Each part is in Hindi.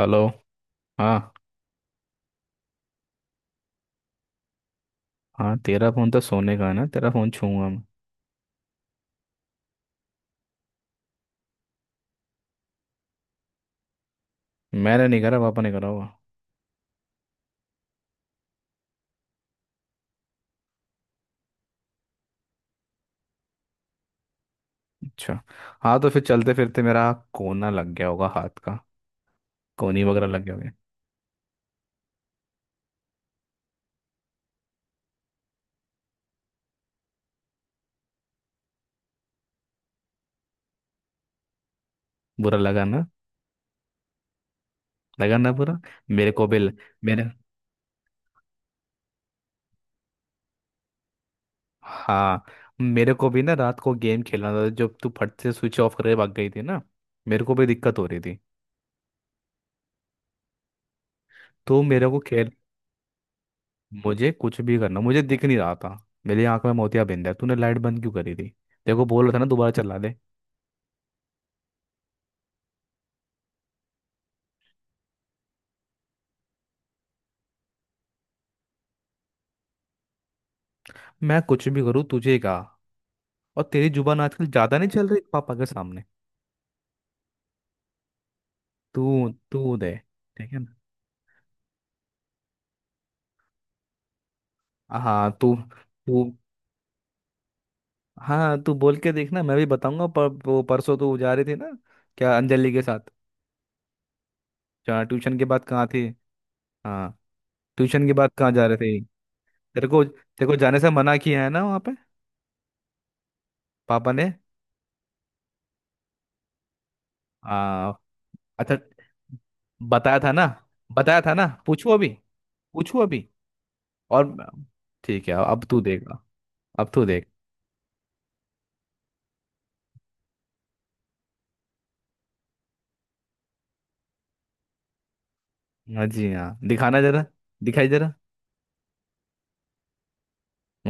हेलो। हाँ। हाँ, तेरा फोन तो सोने का है ना, तेरा फोन छूऊंगा मैं। मैंने नहीं करा, पापा ने करा होगा। अच्छा। हाँ, तो फिर चलते फिरते मेरा कोना लग गया होगा हाथ का, कोनी वगैरह लग गया होगा। बुरा लगा ना, लगा ना बुरा। मेरे को भी ल- मेरे हाँ, मेरे को भी ना, रात को गेम खेलना था जब तू फट से स्विच ऑफ करके भाग गई थी ना। मेरे को भी दिक्कत हो रही थी। तो मेरे को खेल— मुझे कुछ भी करना, मुझे दिख नहीं रहा था। मेरी आंख में मोतियाबिंद है, तूने लाइट बंद क्यों करी थी? देखो, बोल रहा था ना, दोबारा चला दे। मैं कुछ भी करूँ तुझे का— और तेरी जुबान आजकल ज्यादा नहीं चल रही पापा के सामने। तू तू दे। ठीक है ना। हाँ। तू तू हाँ, तू बोल के देखना, मैं भी बताऊंगा। पर वो परसों तो जा रही थी ना, क्या अंजलि के साथ? जहाँ ट्यूशन के बाद कहाँ थी? हाँ। ट्यूशन के बाद कहाँ जा रहे थे? तेरे को जाने से मना किया है ना वहाँ पे। पापा ने। हाँ। अच्छा। बताया था ना। बताया था ना। पूछू अभी? पूछू अभी? और— ठीक है, अब तू देगा। अब तू देगा। हाँ जी, हाँ दिखाना जरा, दिखाई जरा।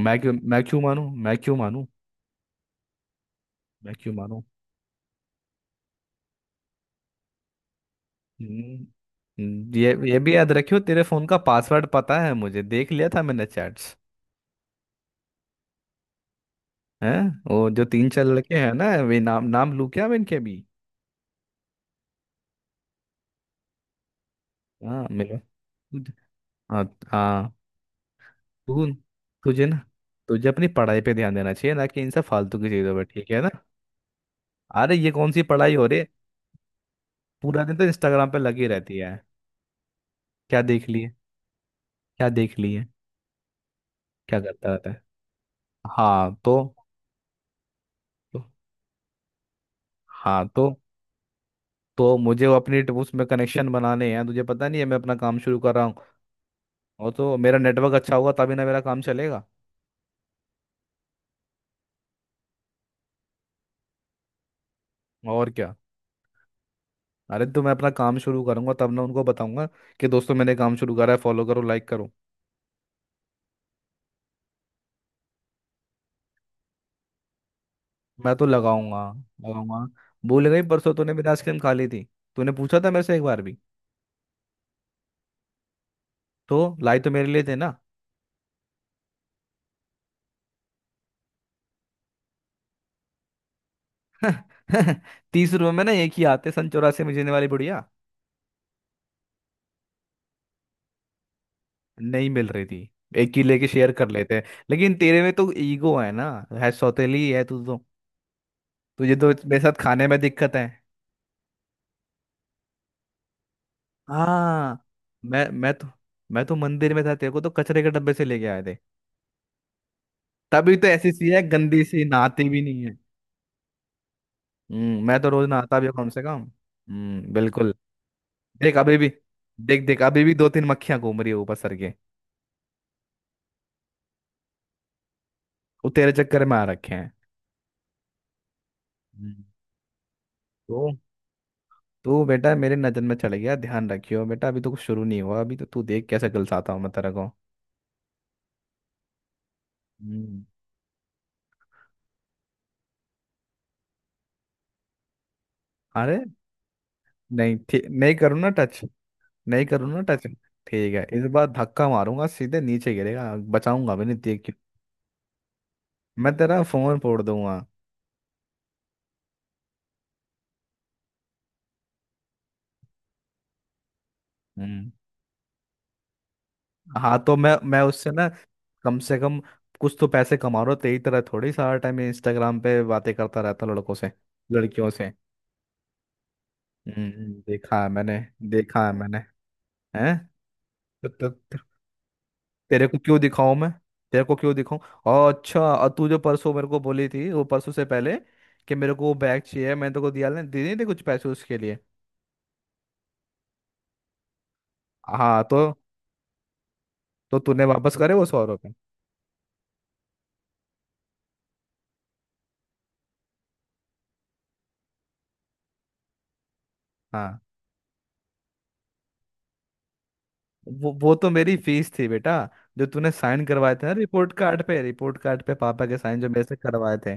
मैं क्यों मानूं? मैं क्यों मानूं? मैं क्यों मानूं? हम्म, ये भी याद रखियो, तेरे फोन का पासवर्ड पता है मुझे, देख लिया था मैंने चैट्स। हैं? वो जो तीन चार लड़के हैं ना, वे— नाम नाम लू क्या मैं इनके भी? हाँ, मिलो। तुझ- हाँ। हाँ। तू तुझे ना, तुझे अपनी पढ़ाई पे ध्यान देना चाहिए ना, कि इन सब फालतू की चीजों पे, ठीक है ना? अरे ये कौन सी पढ़ाई हो रही है? पूरा दिन तो इंस्टाग्राम पे लगी रहती है। क्या देख लिए? क्या देख लिए? क्या करता रहता है? हाँ तो, तो हाँ तो मुझे वो उसमें कनेक्शन बनाने हैं, तुझे पता नहीं है, मैं अपना काम शुरू कर रहा हूँ। और तो मेरा नेटवर्क अच्छा होगा तभी ना मेरा काम चलेगा। और क्या। अरे तो मैं अपना काम शुरू करूंगा तब ना उनको बताऊंगा कि दोस्तों मैंने काम शुरू करा है, फॉलो करो, लाइक करो। मैं तो लगाऊंगा। लगाऊंगा। भूल गई, परसों तूने मेरी आइसक्रीम खा ली थी? तूने पूछा था मेरे से एक बार भी? तो लाई तो मेरे लिए थे ना। 30 रुपए में ना एक ही आते, सन 1984 में जीने वाली बुढ़िया। नहीं मिल रही थी, एक ही लेके शेयर कर लेते हैं। लेकिन तेरे में तो ईगो है ना। है, सौतेली है तू तो। तुझे तो मेरे साथ खाने में दिक्कत है। हाँ। मैं मैं तो मैं तो मंदिर में था, तेरे को तो कचरे के डब्बे से लेके आए थे। तभी तो ऐसी सी है, गंदी सी, नहाती भी नहीं है। मैं तो रोज नहाता भी हूँ कम से कम। हम्म, बिल्कुल। देख अभी भी देख देख अभी भी दो तीन मक्खियां घूम रही है ऊपर सर के। वो तेरे चक्कर में आ रखे हैं। हम्म। तो तू बेटा मेरे नजर में चढ़ गया, ध्यान रखियो बेटा। अभी तो कुछ शुरू नहीं हुआ, अभी तो तू देख कैसे गलसाता हूँ मैं तेरे को। हम्म। अरे, नहीं ठीक, नहीं करूँ ना टच। नहीं करूँ ना टच। ठीक है, इस बार धक्का मारूंगा, सीधे नीचे गिरेगा, बचाऊंगा भी नहीं देख के। मैं तेरा फोन फोड़ दूंगा। हम्म। हाँ तो मैं उससे ना कम से कम कुछ तो पैसे कमा रहा हूं, तेरी तरह थोड़ी सारा टाइम इंस्टाग्राम पे बातें करता रहता हूं लड़कों से— लड़कियों से। हम्म। देखा है मैंने। देखा है मैंने। हैं? तो, तो, तेरे को क्यों दिखाऊं मैं? तेरे को क्यों दिखाऊं? और अच्छा, और तू जो परसों मेरे को बोली थी, वो परसों से पहले, कि मेरे को वो बैग चाहिए, मैंने तेरे को दिया? नहीं, दे नहीं थे कुछ पैसे उसके लिए। हाँ, तो तूने वापस करे वो 100 रुपये? हाँ। वो तो मेरी फीस थी बेटा, जो तूने साइन करवाए थे ना रिपोर्ट कार्ड पे, रिपोर्ट कार्ड पे पापा के साइन जो मेरे से करवाए थे।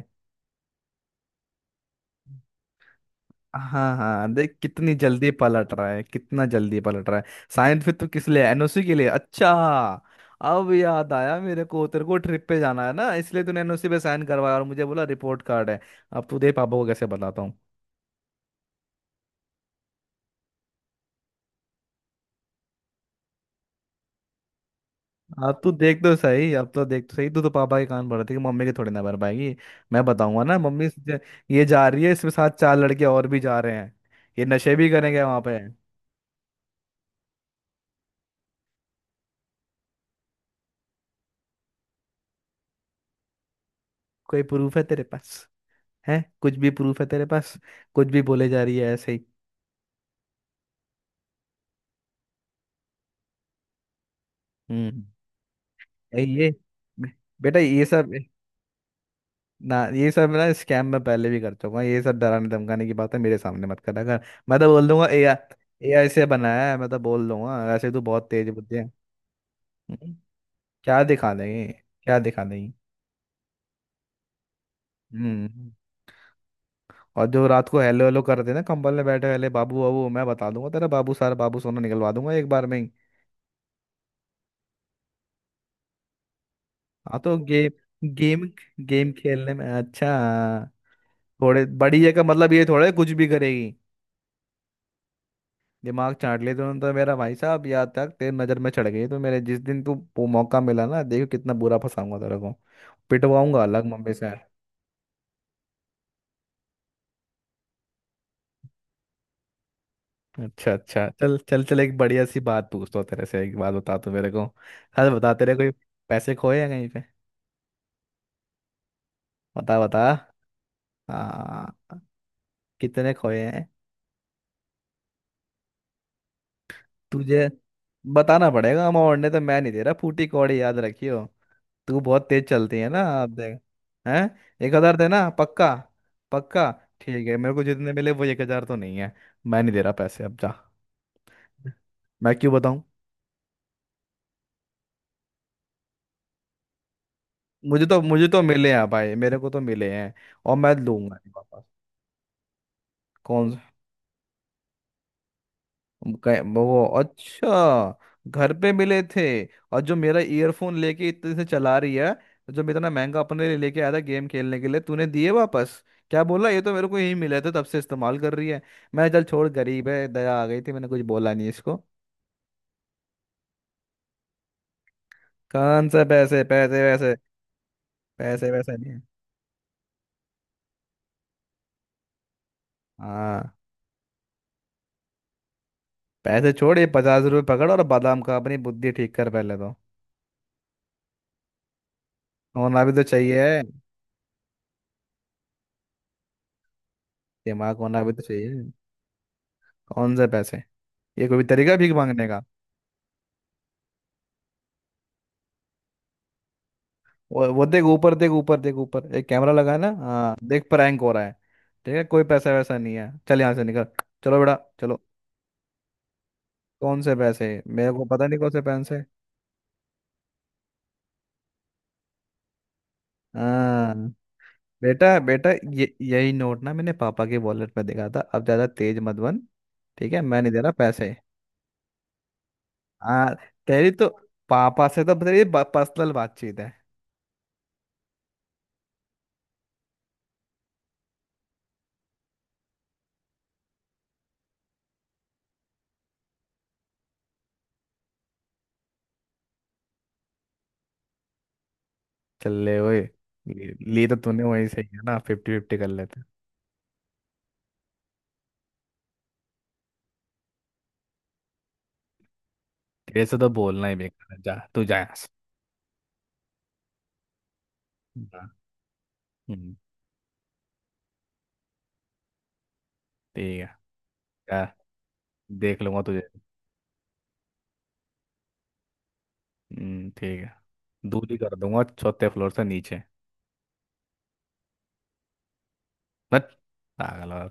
हाँ हाँ, देख कितनी जल्दी पलट रहा है, कितना जल्दी पलट रहा है। साइंस फिर तू किस लिए, एनओसी के लिए? अच्छा, अब याद आया मेरे को, तेरे को ट्रिप पे जाना है ना इसलिए तूने एनओसी पे साइन करवाया और मुझे बोला रिपोर्ट कार्ड है। अब तू दे पापा को कैसे बताता हूँ। अब तू देख तो सही, अब तो देख तो सही, तू तो पापा के कान भर देगी, मम्मी के थोड़ी ना भर पाएगी। मैं बताऊंगा ना, मम्मी, ये जा रही है, इसके साथ चार लड़के और भी जा रहे हैं, ये नशे भी करेंगे वहां पे। कोई प्रूफ है तेरे पास? है कुछ भी प्रूफ है तेरे पास? कुछ भी बोले जा रही है ऐसे ही। हम्म। ये ये- बेटा ये सब ना, ये सब ना स्कैम में पहले भी कर चुका हूँ, ये सब डराने धमकाने की बात है, मेरे सामने मत करा कर। मैं तो बोल दूंगा एआई, एआई से बनाया है मैं तो बोल दूंगा, वैसे तू बहुत तेज बुद्धि है। हम्म। क्या दिखा देंगे? क्या दिखा देंगे? हम्म। और जो रात को हेलो हेलो करते ना कंबल में बैठे वाले, बाबू बाबू, मैं बता दूंगा तेरा बाबू, सारा बाबू सोना निकलवा दूंगा एक बार में ही। हाँ तो गेम, गेम, गेम खेलने में अच्छा। थोड़े बड़ी जगह, मतलब ये थोड़े कुछ भी करेगी। दिमाग चाट लिया तूने तो मेरा भाई साहब, यहाँ तक तेरी नजर में चढ़ गई तो मेरे, जिस दिन मौका मिला ना, देखो कितना बुरा फंसाऊंगा तेरे को। पिटवाऊंगा अलग मम्मी से। अच्छा अच्छा, चल चल चल, एक बढ़िया सी बात पूछता हूँ तेरे से, एक बात बता तू मेरे को, हल बता, तेरे कोई पैसे खोए हैं कहीं पे? बता बता। हाँ। कितने खोए हैं? तुझे बताना पड़ेगा अमाउंट, ने तो मैं नहीं दे रहा फूटी कौड़ी, याद रखियो। तू बहुत तेज चलती है ना, आप देख। हैं? 1,000? देना पक्का? पक्का? ठीक है, मेरे को जितने मिले वो 1,000 तो नहीं है। मैं नहीं दे रहा पैसे, अब जा। मैं क्यों बताऊं? मुझे तो मिले हैं भाई, मेरे को तो मिले हैं, और मैं लूंगा नहीं वापस। कौन? वो अच्छा, घर पे मिले थे। और जो मेरा ईयरफोन लेके इतने से चला रही है, जो मैं इतना महंगा अपने लिए लेके आया था गेम खेलने के लिए, तूने दिए वापस? क्या बोला ये तो मेरे को यही मिले थे, तब से इस्तेमाल कर रही है। मैं चल छोड़, गरीब है, दया आ गई थी, मैंने कुछ बोला नहीं इसको। कौन से पैसे? पैसे वैसे, पैसे वैसे नहीं है। हाँ। पैसे छोड़, ये 50 रुपये पकड़ और बादाम खा, अपनी बुद्धि ठीक कर पहले तो। होना भी तो चाहिए, दिमाग होना भी तो चाहिए। कौन से पैसे? ये कोई भी तरीका भीख मांगने? वो देख ऊपर, देख ऊपर, देख ऊपर एक कैमरा लगा है ना, हाँ देख, प्रैंक हो रहा है। ठीक है, कोई पैसा वैसा नहीं है, चल यहाँ से निकल। चलो बेटा, चलो। कौन से पैसे? मेरे को पता नहीं कौन से पैसे। हाँ, बेटा बेटा, ये यही नोट ना मैंने पापा के वॉलेट में देखा था, अब ज्यादा तेज मत बन। ठीक है, मैं नहीं दे रहा पैसे। हाँ। तेरी तो पापा से तो तेरी पर्सनल बातचीत है। चल ले, ओए। ली ली तो तूने वहीं से ही है ना, 50-50 कर लेते। तेरे से तो बोलना ही बेकार है, जा तू, जा यहाँ से। हाँ। ठीक है। क्या? देख लूंगा तुझे। ठीक है। दूरी कर दूंगा चौथे फ्लोर से नीचे। बट पागल हो।